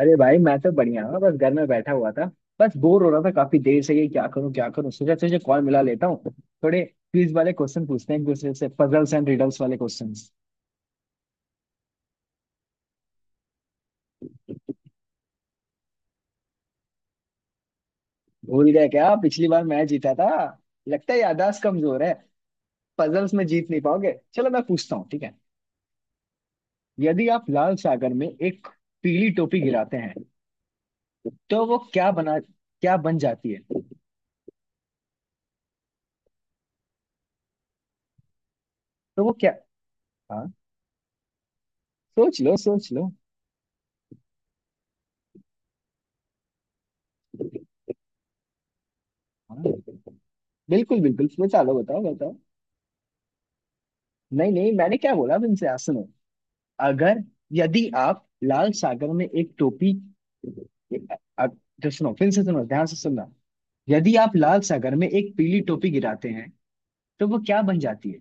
अरे भाई मैं तो बढ़िया हूँ। बस घर में बैठा हुआ था। बस बोर हो रहा था काफी देर से, ये क्या करूँ सोचा तुझे कॉल मिला लेता हूँ। थोड़े क्विज वाले क्वेश्चन पूछते हैं एक दूसरे से, पजल्स एंड रिडल्स वाले क्वेश्चंस। भूल गए क्या, पिछली बार मैं जीता था? लगता है याददाश्त कमजोर है। पजल्स में जीत नहीं पाओगे, चलो मैं पूछता हूँ, ठीक है? यदि आप लाल सागर में एक पीली टोपी गिराते हैं तो वो क्या बन जाती है? तो वो क्या? हाँ, सोच लो सोच लो। हाँ बिल्कुल बिल्कुल, बताओ बताओ बताओ। नहीं नहीं, मैंने क्या बोला तुमसे, आज सुनो। अगर, यदि आप लाल सागर में एक टोपी अ- तो सुनो फिर से, सुनो ध्यान से सुनना। यदि आप लाल सागर में एक पीली टोपी गिराते हैं तो वो क्या बन जाती है?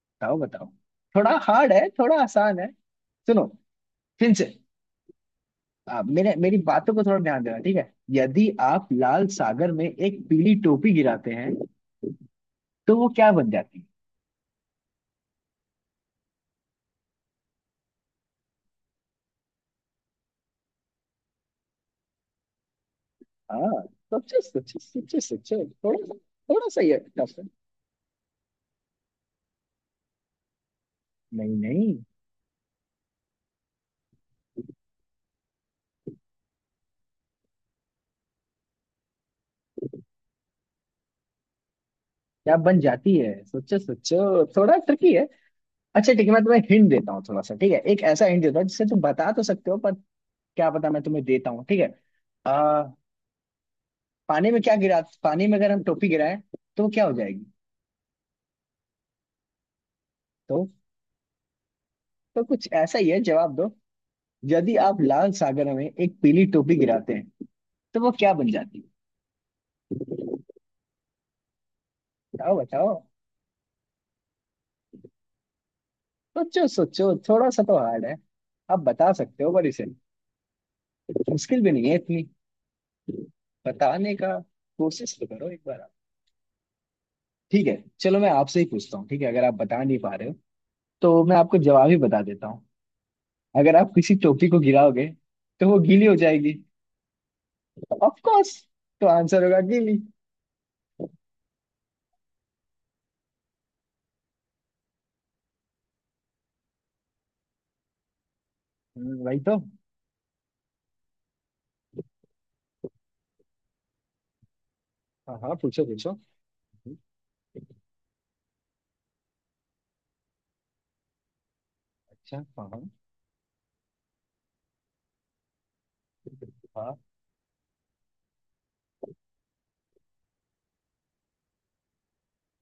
बताओ बताओ। थोड़ा हार्ड है थोड़ा आसान है। सुनो फिर से। आप मेरे मेरी बातों को थोड़ा ध्यान देना, ठीक है? यदि आप लाल सागर में एक पीली टोपी गिराते हैं तो वो क्या बन जाती है? हाँ, सोचो सोचो सोचो सोचो। थोड़ा सा ये tough है। नहीं नहीं। क्या बन जाती है, सोचो सोचो, थोड़ा ट्रिकी है। अच्छा ठीक है, मैं तुम्हें हिंट देता हूँ थोड़ा सा, ठीक है। एक ऐसा हिंट देता हूँ जिससे तुम बता तो सकते हो, पर क्या पता। मैं तुम्हें देता हूँ, ठीक है। आ, पानी में क्या गिरा, पानी में अगर हम टोपी गिराएं तो वो क्या हो जाएगी? तो तो कुछ ऐसा ही है, जवाब दो। यदि आप लाल सागर में एक पीली टोपी गिराते हैं तो वो क्या बन जाती है? बताओ बताओ। सोचो सोचो, थोड़ा सा तो हार्ड है। आप बता सकते हो, पर इसे, मुश्किल भी नहीं है इतनी। बताने का कोशिश तो करो एक बार, ठीक है। चलो मैं आपसे ही पूछता हूँ, ठीक है। अगर आप बता नहीं पा रहे हो तो मैं आपको जवाब ही बता देता हूँ। अगर आप किसी टोपी को गिराओगे तो वो गीली हो जाएगी, ऑफ कोर्स। तो आंसर होगा, गीली। वही तो। हाँ हाँ, पूछो पूछो। हम्म। अच्छा, हाँ हाँ। हाँ।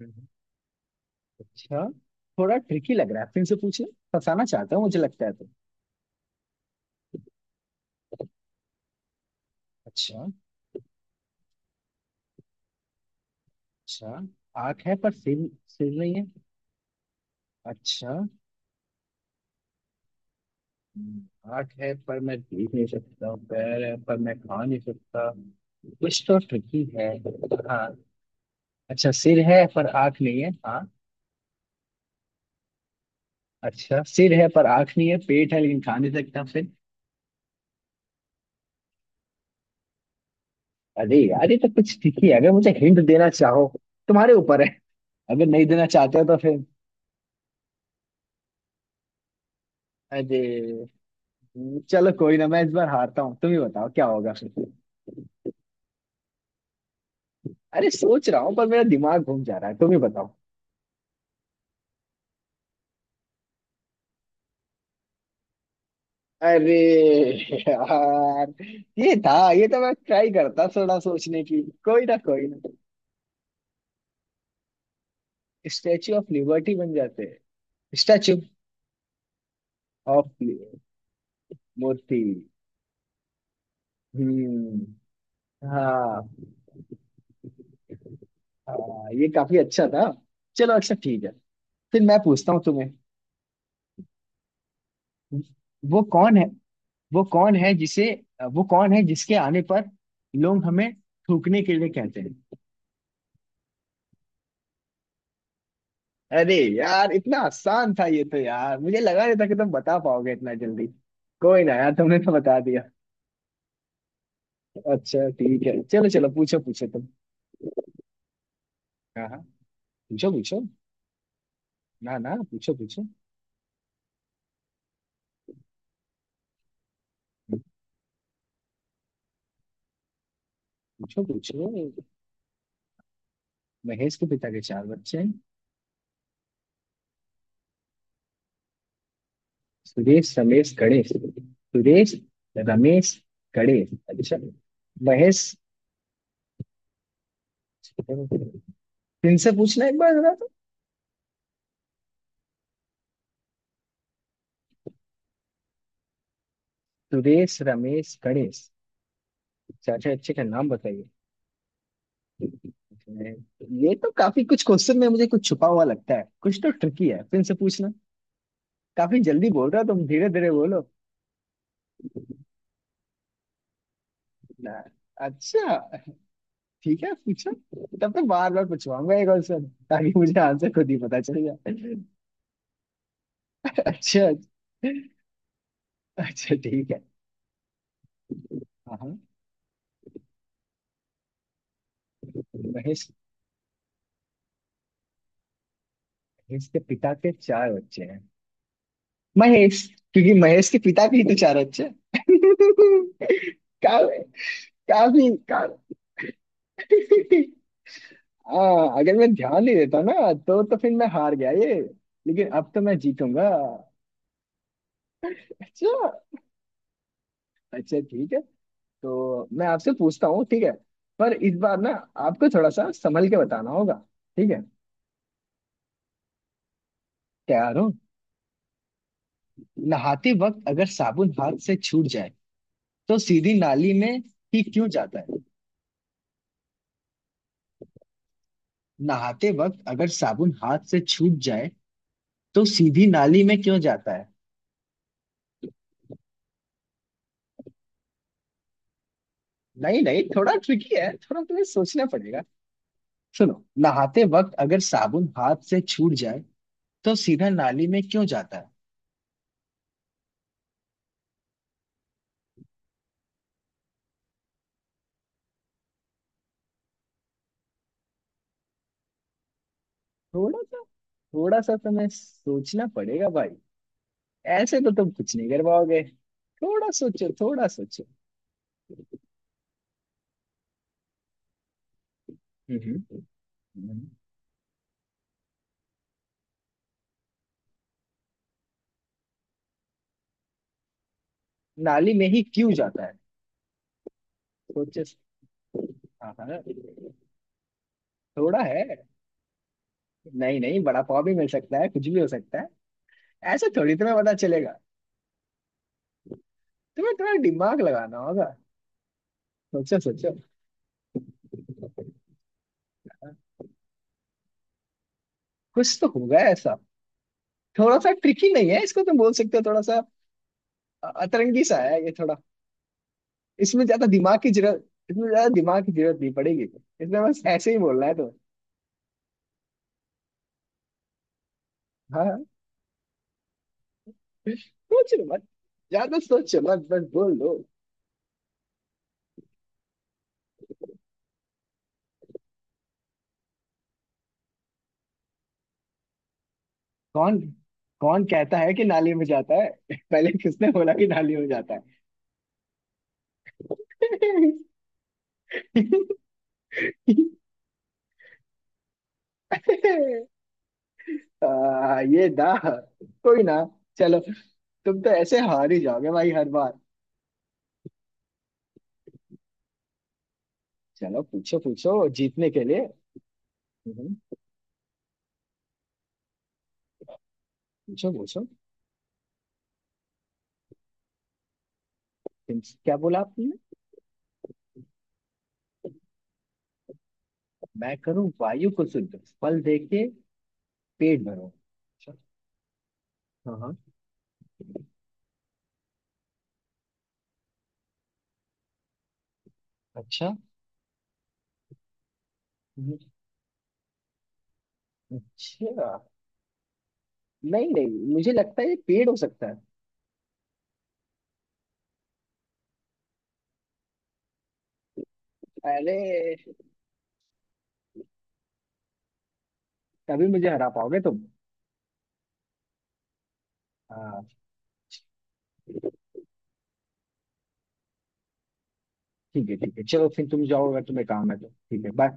हम्म। अच्छा, थोड़ा ट्रिकी लग रहा है, फिर से पूछे। फंसाना चाहता हूँ मुझे लगता है तो। अच्छा। अच्छा, आंख है पर सिर, सिर नहीं है। अच्छा, हाथ है पर मैं देख नहीं सकता, पैर है पर मैं खा नहीं सकता, कुछ तो ट्रिकी है। हाँ। अच्छा, सिर है पर आँख नहीं है। हाँ। अच्छा, सिर है पर आँख नहीं है, पेट है लेकिन खा नहीं सकता, फिर? अरे यार ये तो कुछ ट्रिकी है, अगर मुझे हिंट देना चाहो, तुम्हारे ऊपर है। अगर नहीं देना चाहते हो तो फिर, अरे, चलो कोई ना, मैं इस बार हारता हूँ, तुम ही बताओ क्या होगा फिर। अरे सोच रहा हूँ पर मेरा दिमाग घूम जा रहा है, तुम ही बताओ। अरे यार, ये था, ये तो मैं ट्राई करता थोड़ा सोचने की। कोई ना कोई ना। स्टैचू ऑफ लिबर्टी बन जाते हैं। स्टैचू ऑफ मूर्ति। हम्म। हाँ। हाँ, ये काफी अच्छा था, चलो अच्छा ठीक है। फिर मैं पूछता हूँ तुम्हें। वो कौन है, वो कौन है जिसे, वो कौन है जिसके आने पर लोग हमें थूकने के लिए कहते हैं? अरे यार इतना आसान था ये तो, यार मुझे लगा नहीं था कि तुम बता पाओगे इतना जल्दी। कोई ना यार, तुमने तो बता दिया। अच्छा ठीक है, चलो चलो पूछो पूछो तुम। हाँ हाँ, पूछो पूछो। ना ना, पूछो पूछो। पूछो पूछो। महेश के पिता के चार बच्चे हैं, सुरेश रमेश गणेश। सुरेश रमेश गणेश, अच्छा, महेश। इनसे पूछना एक बार जरा तो। सुरेश रमेश गणेश, चाचा अच्छे का नाम बताइए। ये तो काफी कुछ क्वेश्चन में मुझे कुछ छुपा हुआ लगता है, कुछ तो ट्रिकी है, फिर से पूछना। काफी जल्दी बोल रहे हो तुम, धीरे धीरे बोलो। ना, अच्छा ठीक है, पूछो। तब तो बार बार पूछवाऊंगा एक क्वेश्चन, ताकि मुझे आंसर खुद ही पता चल जाए। अच्छा, अच्छा ठीक है। हाँ हाँ। महेश। महेश के पिता के चार बच्चे हैं, महेश। क्योंकि महेश के पिता के ही तो चार बच्चे हैं। का, काफी काफी। आ, अगर मैं ध्यान नहीं देता ना, तो फिर मैं हार गया ये। लेकिन अब तो मैं जीतूंगा। अच्छा, अच्छा ठीक है। तो मैं आपसे पूछता हूँ, ठीक है। पर इस बार ना, आपको थोड़ा सा संभल के बताना होगा, ठीक है। तैयार हो? नहाते वक्त अगर साबुन हाथ से छूट जाए तो सीधी नाली में ही क्यों जाता है? नहाते वक्त अगर साबुन हाथ से छूट जाए तो सीधी नाली में क्यों जाता है? नहीं नहीं, थोड़ा ट्रिकी है, थोड़ा तुम्हें सोचना। सुनो, नहाते वक्त अगर साबुन हाथ से छूट जाए तो सीधा नाली में क्यों जाता है? थोड़ा सा, थोड़ा सा तुम्हें सोचना पड़ेगा भाई, ऐसे तो तुम कुछ नहीं कर पाओगे। थोड़ा सोचो थोड़ा सोचो। हम्म। हम्म। नाली में ही क्यों जाता है? सोचो। हाँ हाँ। थोड़ा है। नहीं नहीं, बड़ा पाव भी मिल सकता है, कुछ भी हो सकता है, ऐसे थोड़ी तुम्हें पता चलेगा। तुम्हें थोड़ा दिमाग लगाना होगा, सोचो सोचो। हाँ। कुछ तो होगा ऐसा। थोड़ा सा ट्रिकी नहीं है इसको, तुम बोल सकते हो, थोड़ा सा अतरंगी सा है ये, थोड़ा। इसमें ज्यादा दिमाग की जरूरत, इसमें ज्यादा दिमाग की जरूरत नहीं पड़ेगी, इसमें बस ऐसे ही बोलना है तो। हाँ हाँ। सोच लो मत, ज्यादा सोचो मत, बस बोल दो। कौन, कौन कहता है कि नाली में जाता है? पहले किसने बोला कि नाली में जाता है? आ, ये दा कोई ना, चलो। तुम तो ऐसे हार ही जाओगे भाई, हर बार। चलो पूछो पूछो, जीतने के लिए। हम्म, पूछो पूछो। क्या बोला आपने? मैं करूं वायु को शुद्ध, फल देके पेट भरो, अच्छा। हाँ हाँ। अच्छा। हम्म। अच्छा। नहीं नहीं, मुझे लगता है ये पेड़ हो सकता है। अरे, तभी मुझे हरा पाओगे तुम। हाँ। ठीक है ठीक है, चलो फिर तुम जाओ, अगर तुम्हें काम है तो। ठीक है, बाय।